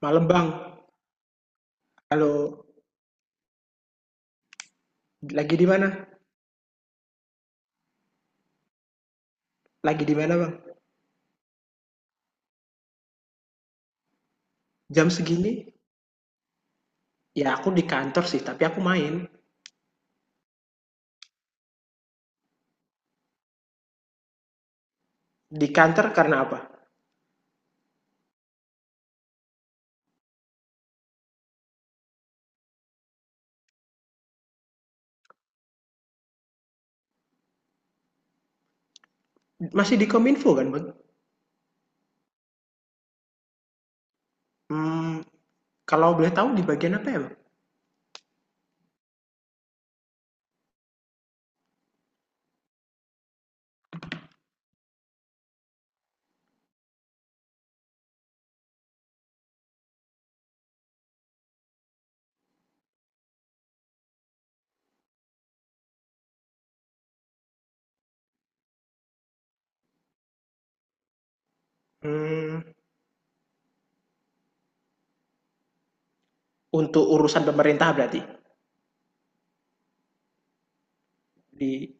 Malam bang, kalau lagi di mana? Lagi di mana bang? Jam segini? Ya aku di kantor sih, tapi aku main. Di kantor karena apa? Masih di Kominfo kan bang? Hmm, Kalau boleh tahu di bagian apa ya bang? Hmm, untuk urusan pemerintah berarti. Di,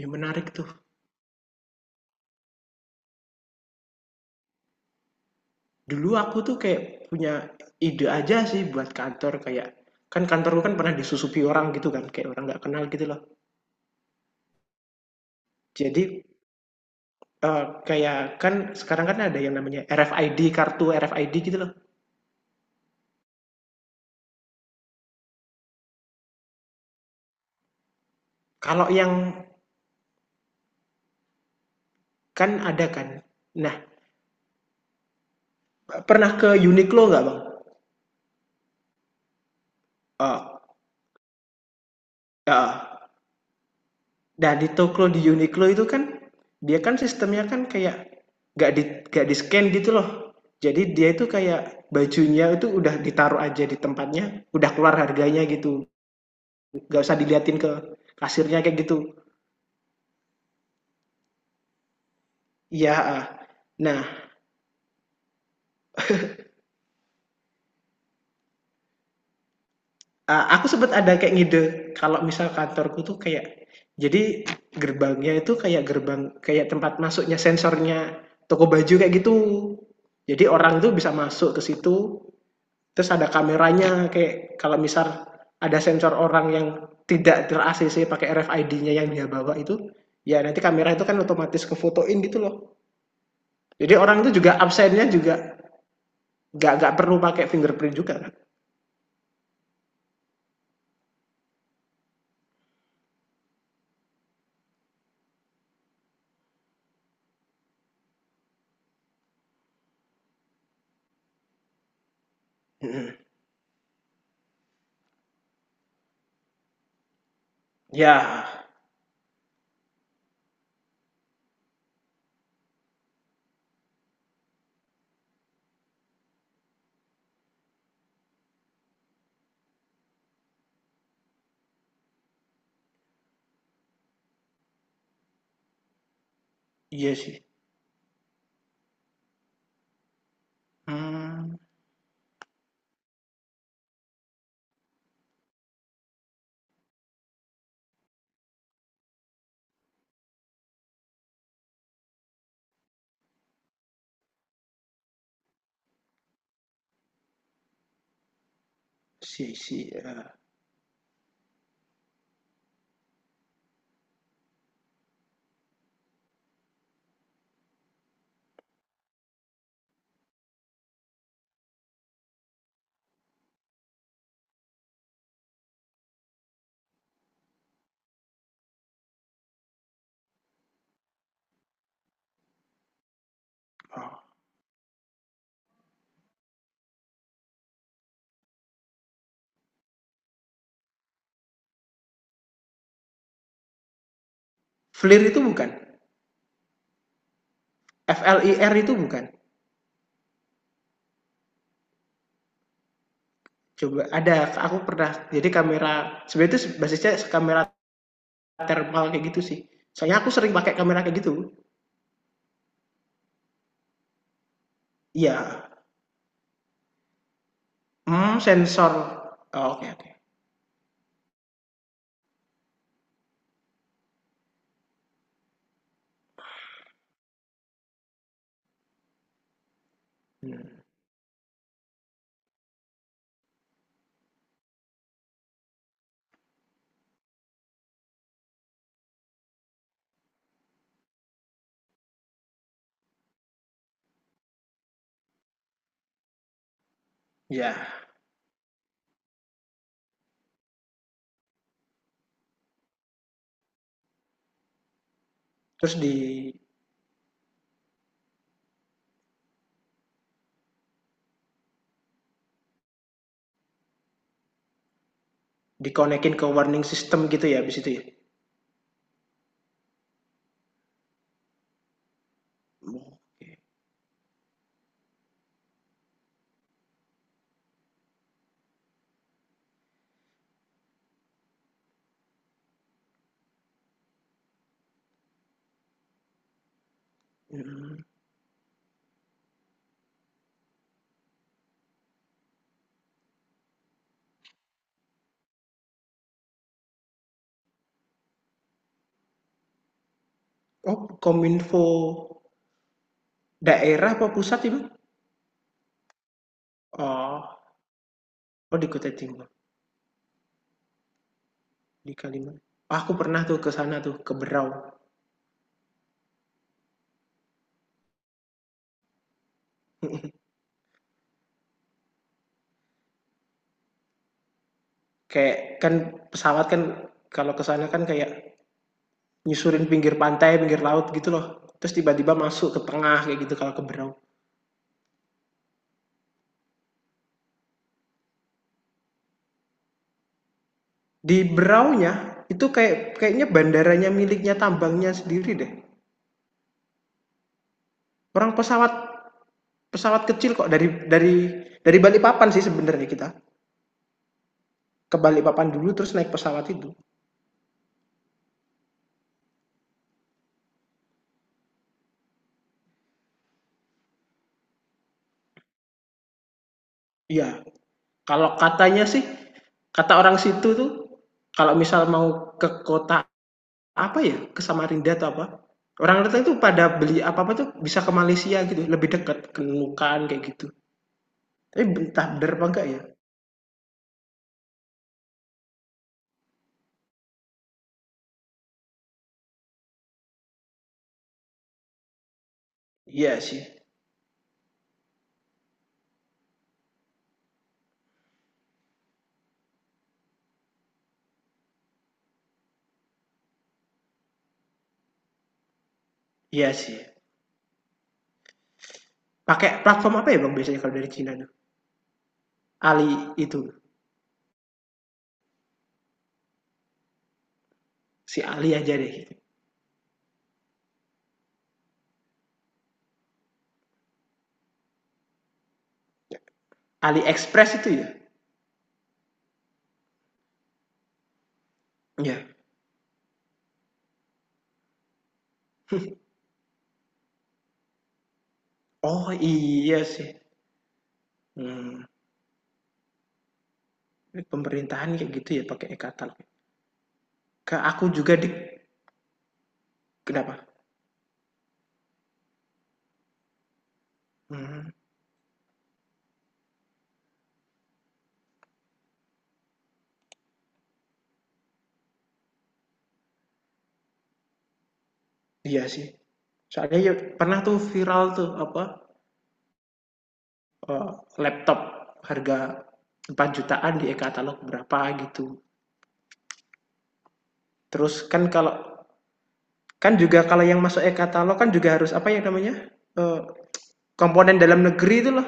Ya menarik tuh. Dulu aku tuh kayak punya ide aja sih buat kantor kayak kan kantorku kan pernah disusupi orang gitu kan kayak orang nggak kenal gitu loh. Jadi kayak kan sekarang kan ada yang namanya RFID, kartu RFID gitu loh. Kalau yang kan ada kan. Nah, pernah ke Uniqlo nggak, Bang? Oh, heeh. Nah, di toko di Uniqlo itu kan, dia kan sistemnya kan kayak nggak di nggak di-scan gitu loh. Jadi dia itu kayak bajunya itu udah ditaruh aja di tempatnya, udah keluar harganya gitu, nggak usah diliatin ke kasirnya kayak gitu. Ya. Nah. Ah, aku sempet ada kayak ngide kalau misal kantorku tuh kayak jadi gerbangnya itu kayak gerbang kayak tempat masuknya sensornya toko baju kayak gitu. Jadi orang tuh bisa masuk ke situ, terus ada kameranya kayak kalau misal ada sensor orang yang tidak ter-ACC pakai RFID-nya yang dia bawa itu, ya nanti kamera itu kan otomatis kefotoin gitu loh. Jadi orang itu juga absennya juga nggak perlu pakai fingerprint juga kan. Mm-mm. Ya, iya sih. Hmm. Si si eee, Oh, FLIR itu bukan? FLIR itu bukan? Coba ada, aku pernah jadi kamera sebenarnya itu basisnya kamera thermal kayak gitu sih. Soalnya aku sering pakai kamera kayak gitu. Iya, sensor. Oke. Oh, oke, oke. Mmm, iya. Terus dikonekin ke warning system gitu ya habis itu ya? Oke, mhm. Oh, Kominfo daerah apa pusat itu? Oh, oh, di Kota Timur, di Kaliman aku pernah tuh ke sana tuh, ke Berau. Mhm. Kayak kan pesawat kan kalau ke sana kan kayak nyusurin pinggir pantai, pinggir laut gitu loh. Terus tiba-tiba masuk ke tengah kayak gitu kalau ke Berau. Di Beraunya itu kayak kayaknya bandaranya miliknya tambangnya sendiri deh. Orang pesawat pesawat kecil kok dari Balikpapan sih sebenarnya kita. Ke Balikpapan dulu terus naik pesawat itu. Iya, kalau katanya sih kata orang situ tuh kalau misal mau ke kota, apa ya, ke Samarinda atau apa. Orang Batak itu pada beli apa-apa tuh bisa ke Malaysia gitu, lebih dekat ke Nunukan kayak gitu. Tapi entah bener apa enggak ya? Iya sih. Iya sih. Pakai platform apa ya Bang biasanya kalau dari Cina tuh? Ali itu, si Ali aja deh gitu. AliExpress itu ya? Iya. Oh iya sih. Hmm. Pemerintahan kayak gitu ya pakai e-katalog. Ke aku juga di, kenapa? Hmm. Iya sih. Soalnya ya pernah tuh viral tuh apa? eh, Laptop harga 4 jutaan di e-katalog berapa gitu. Terus kan kalau kan juga kalau yang masuk e-katalog kan juga harus apa ya namanya? Eh, Komponen dalam negeri itu loh.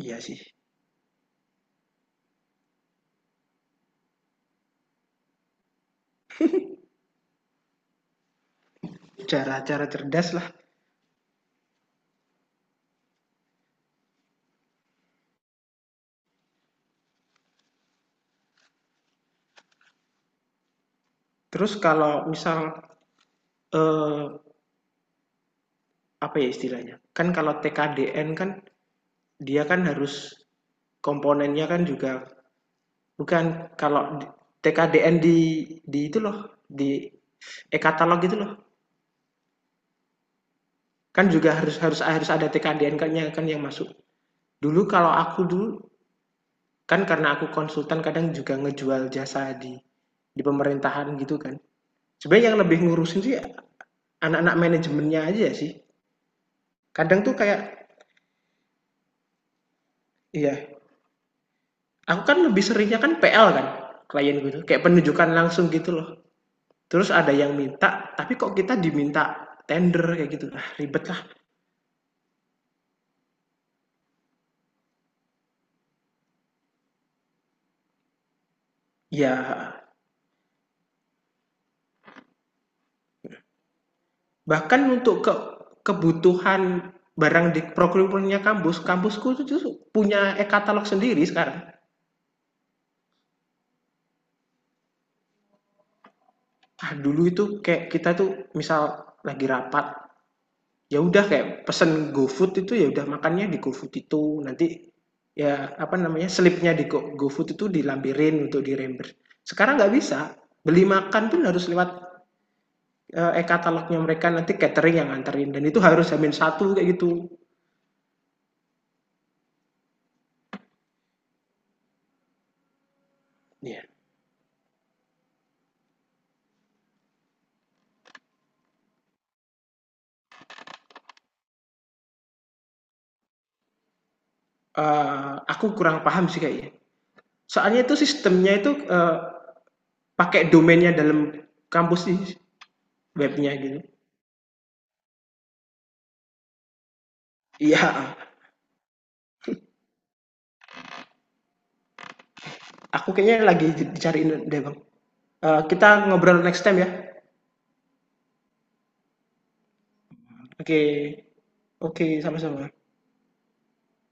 Iya sih. Cara-cara cerdas lah. Terus kalau misal eh, apa ya istilahnya? Kan kalau TKDN kan dia kan harus komponennya kan juga bukan kalau TKDN di itu loh di e-katalog itu loh. Kan juga harus harus harus ada TKDN-nya kan yang masuk. Dulu kalau aku dulu kan karena aku konsultan kadang juga ngejual jasa di pemerintahan gitu kan. Sebenarnya yang lebih ngurusin sih anak-anak manajemennya aja sih. Kadang tuh kayak iya, aku kan lebih seringnya kan PL kan klien gitu, kayak penunjukan langsung gitu loh. Terus ada yang minta, tapi kok kita diminta tender kayak gitu. Ah, ribet lah. Ya. Bahkan untuk ke kebutuhan barang di procurement-nya kampus, kampusku itu punya e-katalog sendiri sekarang. Ah, dulu itu kayak kita tuh misal lagi rapat, ya udah kayak pesen GoFood itu ya udah makannya di GoFood itu. Nanti ya apa namanya slipnya di GoFood itu dilampirin untuk di reimburse. Sekarang nggak bisa. Beli makan pun harus lewat e-katalognya mereka nanti catering yang nganterin dan itu harus hamin satu kayak gitu. Iya. Aku kurang paham sih kayaknya. Soalnya itu sistemnya itu pakai domainnya dalam kampus di webnya gitu. Iya, aku kayaknya lagi dicariin deh bang. Eh, kita ngobrol next time ya. Oke, okay. Oke, okay, sama-sama.